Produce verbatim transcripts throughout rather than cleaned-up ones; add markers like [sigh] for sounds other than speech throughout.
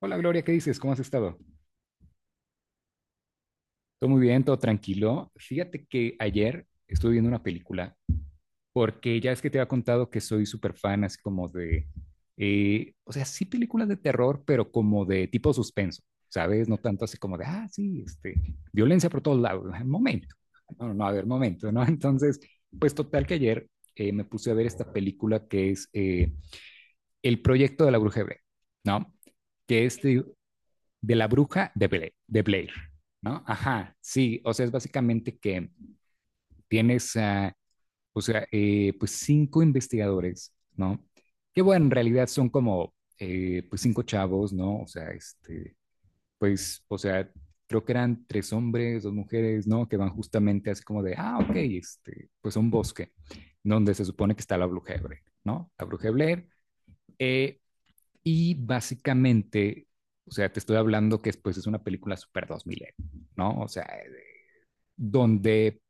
Hola Gloria, ¿qué dices? ¿Cómo has estado? Todo muy bien, todo tranquilo. Fíjate que ayer estuve viendo una película porque ya es que te había contado que soy súper fan así como de, eh, o sea, sí películas de terror, pero como de tipo suspenso, ¿sabes? No tanto así como de, ah, sí, este, violencia por todos lados. [laughs] Momento. No, no, no, a ver, momento, ¿no? [laughs] Entonces, pues total que ayer eh, me puse a ver esta película que es eh, El proyecto de la bruja Hebrea, ¿no? Que este, de la bruja de, Bla- de Blair, ¿no? Ajá, sí, o sea, es básicamente que tienes, ah, o sea, eh, pues cinco investigadores, ¿no? Que bueno, en realidad son como, eh, pues cinco chavos, ¿no? O sea, este, pues, o sea, creo que eran tres hombres, dos mujeres, ¿no? Que van justamente así como de, ah, ok, este, pues a un bosque, donde se supone que está la bruja de Blair, ¿no? La bruja de Blair. Eh, y básicamente, o sea, te estoy hablando que después es una película super dos mil, ¿no? O sea, donde,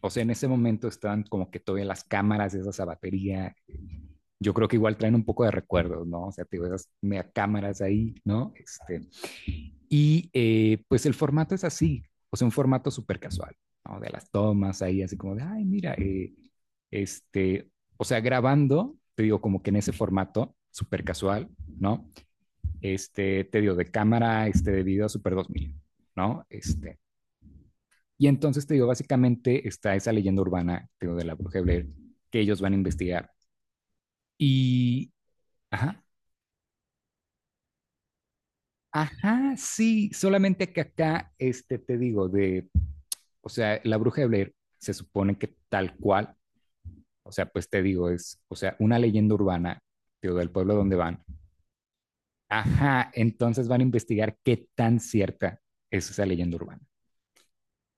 o sea, en ese momento estaban como que todavía las cámaras, de esas a batería. Yo creo que igual traen un poco de recuerdos, ¿no? O sea, te digo esas mega cámaras ahí, ¿no? Este, y eh, pues el formato es así, o sea, un formato súper casual, ¿no? De las tomas ahí, así como de, ay, mira, eh, este, o sea, grabando, te digo, como que en ese formato súper casual, ¿no? este, te digo, de cámara, este, de video Super dos mil, ¿no? Este, y entonces, te digo, básicamente está esa leyenda urbana, te digo, de la bruja de Blair, que ellos van a investigar. Y, ajá, ajá, sí, solamente que acá, este, te digo, de, o sea, la bruja de Blair se supone que tal cual, o sea, pues te digo, es, o sea, una leyenda urbana, te digo, del pueblo donde van. Ajá, entonces van a investigar qué tan cierta es esa leyenda urbana.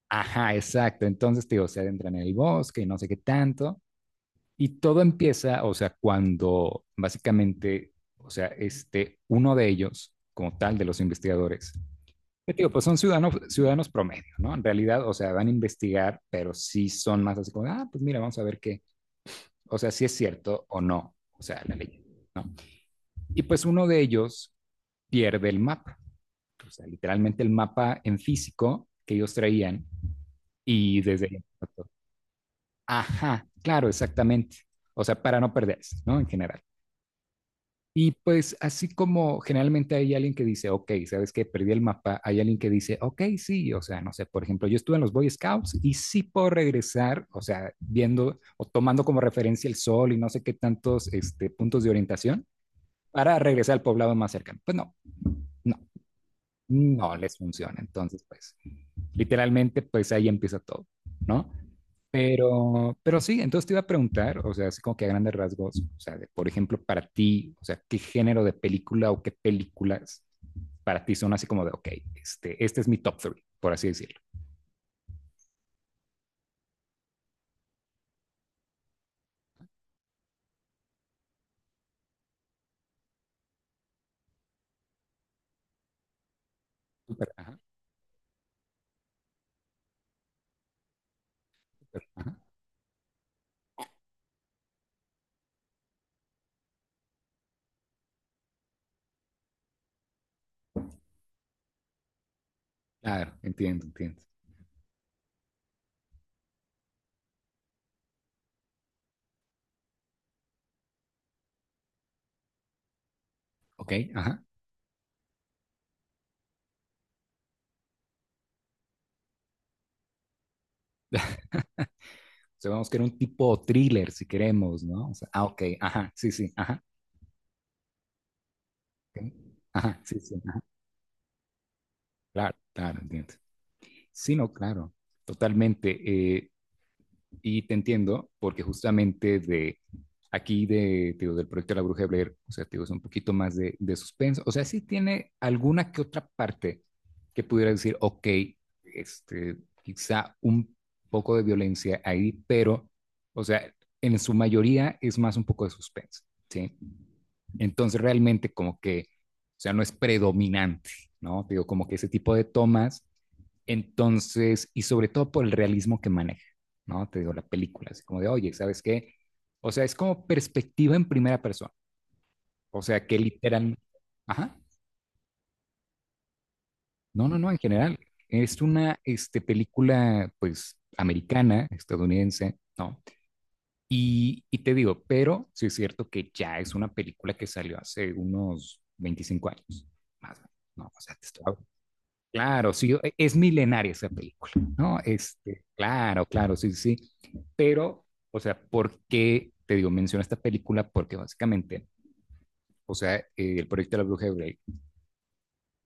Ajá, exacto. Entonces, te digo, se adentran en el bosque y no sé qué tanto. Y todo empieza, o sea, cuando básicamente, o sea, este, uno de ellos, como tal, de los investigadores, te digo, pues son ciudadanos, ciudadanos promedio, ¿no? En realidad, o sea, van a investigar, pero sí son más así como, ah, pues mira, vamos a ver qué, o sea, si es cierto o no, o sea, la ley, ¿no? Y pues uno de ellos pierde el mapa, o sea, literalmente el mapa en físico que ellos traían y desde ahí pues, ajá, claro, exactamente. O sea, para no perderse, ¿no? En general. Y pues así como generalmente hay alguien que dice, ok, ¿sabes qué? Perdí el mapa, hay alguien que dice, ok, sí, o sea, no sé, por ejemplo, yo estuve en los Boy Scouts y sí puedo regresar, o sea, viendo o tomando como referencia el sol y no sé qué tantos este, puntos de orientación para regresar al poblado más cercano. Pues no, no, no les funciona. Entonces, pues literalmente, pues ahí empieza todo, ¿no? Pero, pero sí, entonces te iba a preguntar, o sea, así como que a grandes rasgos, o sea, de, por ejemplo, para ti, o sea, ¿qué género de película o qué películas para ti son así como de, ok, este, este es mi top three, por así decirlo? Súper, ajá, súper, ajá. Claro, entiendo, entiendo. Ok, ajá. O sea, vamos a querer un tipo thriller si queremos, ¿no? O sea, ah, ok, ajá, sí, sí, ajá. Ok, ajá, sí, sí, ajá. Claro, claro, entiendo. Sí, no, claro, totalmente. eh, Y te entiendo, porque justamente de aquí, de, digo, del proyecto de la Bruja de Blair, o sea, digo, es un poquito más de, de suspenso. O sea, sí tiene alguna que otra parte que pudiera decir, ok, este, quizá un poco de violencia ahí, pero, o sea, en su mayoría es más un poco de suspenso, ¿sí? Entonces realmente como que, o sea, no es predominante, ¿no? Digo, como que ese tipo de tomas, entonces, y sobre todo por el realismo que maneja, ¿no? Te digo, la película, así como de, oye, ¿sabes qué? O sea, es como perspectiva en primera persona, o sea, que literal, ajá, no, no, no, en general, es una este, película, pues, americana, estadounidense, ¿no? Y, y te digo, pero sí es cierto que ya es una película que salió hace unos veinticinco años, más o menos, ¿no? O sea, te estoy hab- Claro, sí, e- es milenaria esa película, ¿no? Este, claro, claro, sí, sí. sí, Pero, o sea, ¿por qué te digo, menciono esta película? Porque básicamente, o sea, eh, el proyecto de la Bruja de Blair,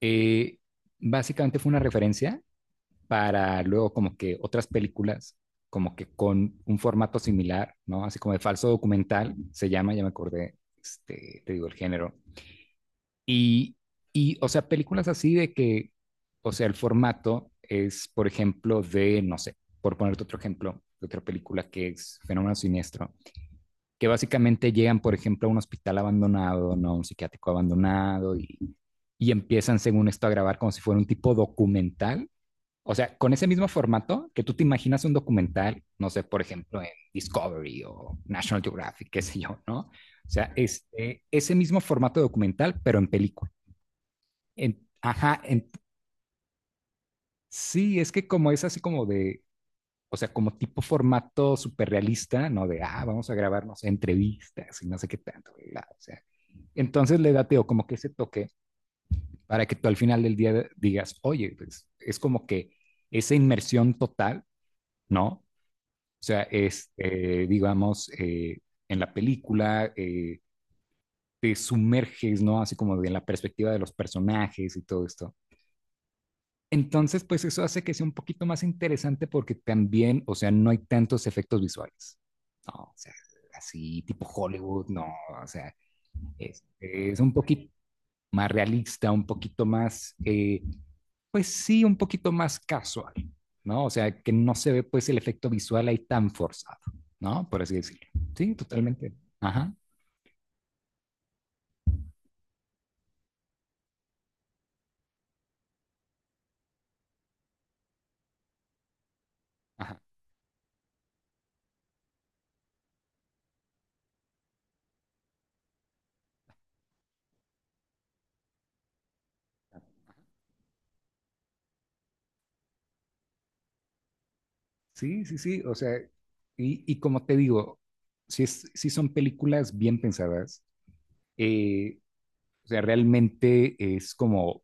eh, básicamente fue una referencia para luego como que otras películas, como que con un formato similar, ¿no? Así como de falso documental, se llama, ya me acordé, este, te digo el género. Y, y, o sea, películas así de que, o sea, el formato es, por ejemplo, de, no sé, por ponerte otro ejemplo, de otra película que es Fenómeno Siniestro, que básicamente llegan, por ejemplo, a un hospital abandonado, ¿no? Un psiquiátrico abandonado y, y empiezan, según esto, a grabar como si fuera un tipo documental o sea, con ese mismo formato que tú te imaginas un documental, no sé, por ejemplo, en Discovery o National Geographic, qué sé yo, ¿no? O sea, este, ese mismo formato documental, pero en película. En, ajá, en, sí, es que como es así como de, o sea, como tipo formato superrealista, ¿no? De, ah, vamos a grabarnos entrevistas y no sé qué tanto, ¿verdad? O sea, entonces le da, Teo, como que ese toque para que tú al final del día digas, oye, pues es como que esa inmersión total, ¿no? O sea, es, eh, digamos, eh, en la película eh, te sumerges, ¿no? Así como de la perspectiva de los personajes y todo esto. Entonces, pues eso hace que sea un poquito más interesante porque también, o sea, no hay tantos efectos visuales. No, o sea, así tipo Hollywood, no, o sea, es, es un poquito más realista, un poquito más eh, pues sí, un poquito más casual, ¿no? O sea, que no se ve pues el efecto visual ahí tan forzado, ¿no? Por así decirlo. Sí, totalmente. Ajá, ajá. Sí, sí, sí. O sea, y, y como te digo, sí, es- sí son películas bien pensadas. eh, o sea, realmente es como,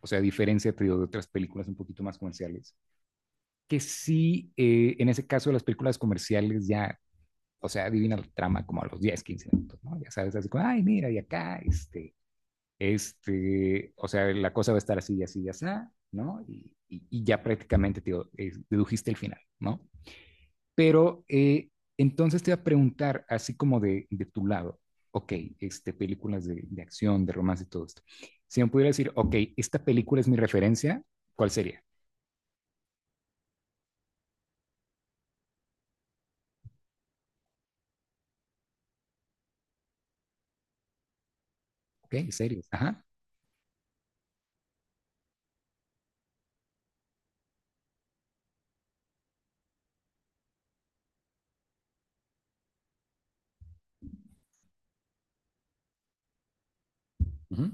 o sea, a diferencia te digo, de otras películas un poquito más comerciales, que sí, eh, en ese caso las películas comerciales ya, o sea, adivinan la trama como a los diez quince minutos, ¿no? Ya sabes, así como, ay, mira, y acá, este, este, o sea, la cosa va a estar así y así y así, ¿no? Y, y- y ya prácticamente te dedujiste el final, ¿no? Pero eh, entonces te voy a preguntar, así como de, de tu lado, ok, este, películas de, de acción, de romance y todo esto. Si me pudiera decir, ok, esta película es mi referencia, ¿cuál sería? Ok, series, ajá, ujú,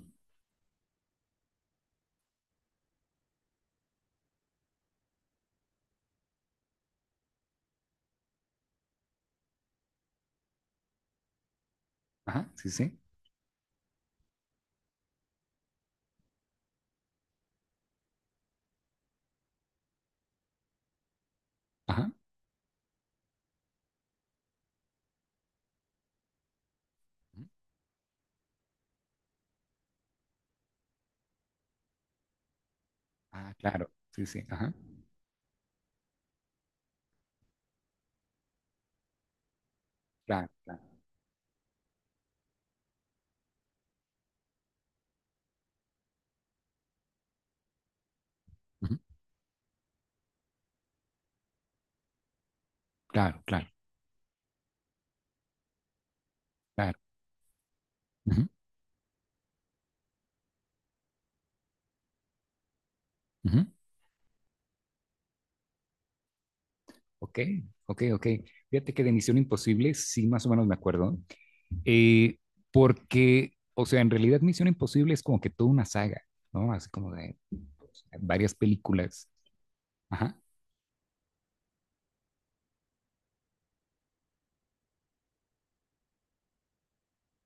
ajá, sí, sí, ajá, ujú, ah, claro, sí, sí, ajá, claro, claro, ujú, claro, claro, claro, ujú, ujú, Ok, ok, ok. Fíjate que de Misión Imposible sí más o menos me acuerdo, eh, porque, o sea, en realidad Misión Imposible es como que toda una saga, ¿no? Así como de pues, varias películas. Ajá,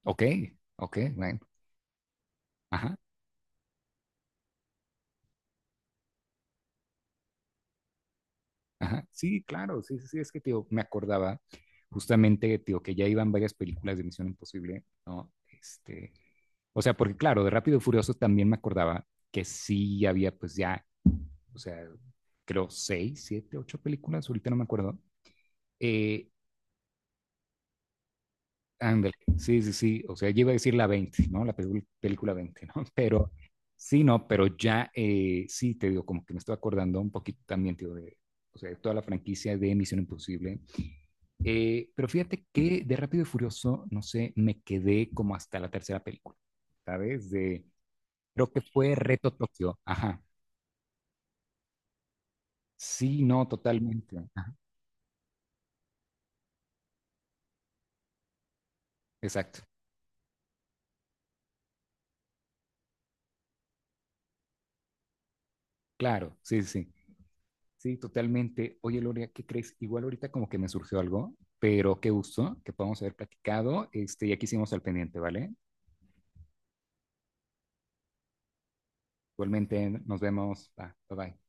ok, ok, bueno, ajá, ajá. Sí, claro, sí, sí, sí, es que, tío, me acordaba justamente, tío, que ya iban varias películas de Misión Imposible, ¿no? Este, o sea, porque claro, de Rápido y Furioso también me acordaba que sí había, pues ya o sea, creo seis, siete, ocho películas, ahorita no me acuerdo. Eh, ándale, sí, sí, sí, o sea, yo iba a decir la veinte, ¿no? La pelicu- película veinte, ¿no? [laughs] Pero sí, no, pero ya eh, sí, te digo, como que me estoy acordando un poquito también, tío, de, o sea, de toda la franquicia de Misión Imposible. Eh, pero fíjate que de Rápido y Furioso, no sé, me quedé como hasta la tercera película, ¿sabes? De, creo que fue Reto Tokio, ajá. Sí, no, totalmente. Ajá, Exacto, claro, sí, sí. sí. Sí, totalmente. Oye, Loria, ¿qué crees? Igual ahorita como que me surgió algo, pero qué gusto que podamos haber platicado, este, y aquí hicimos al pendiente, ¿vale? Igualmente, nos vemos. Va, bye bye.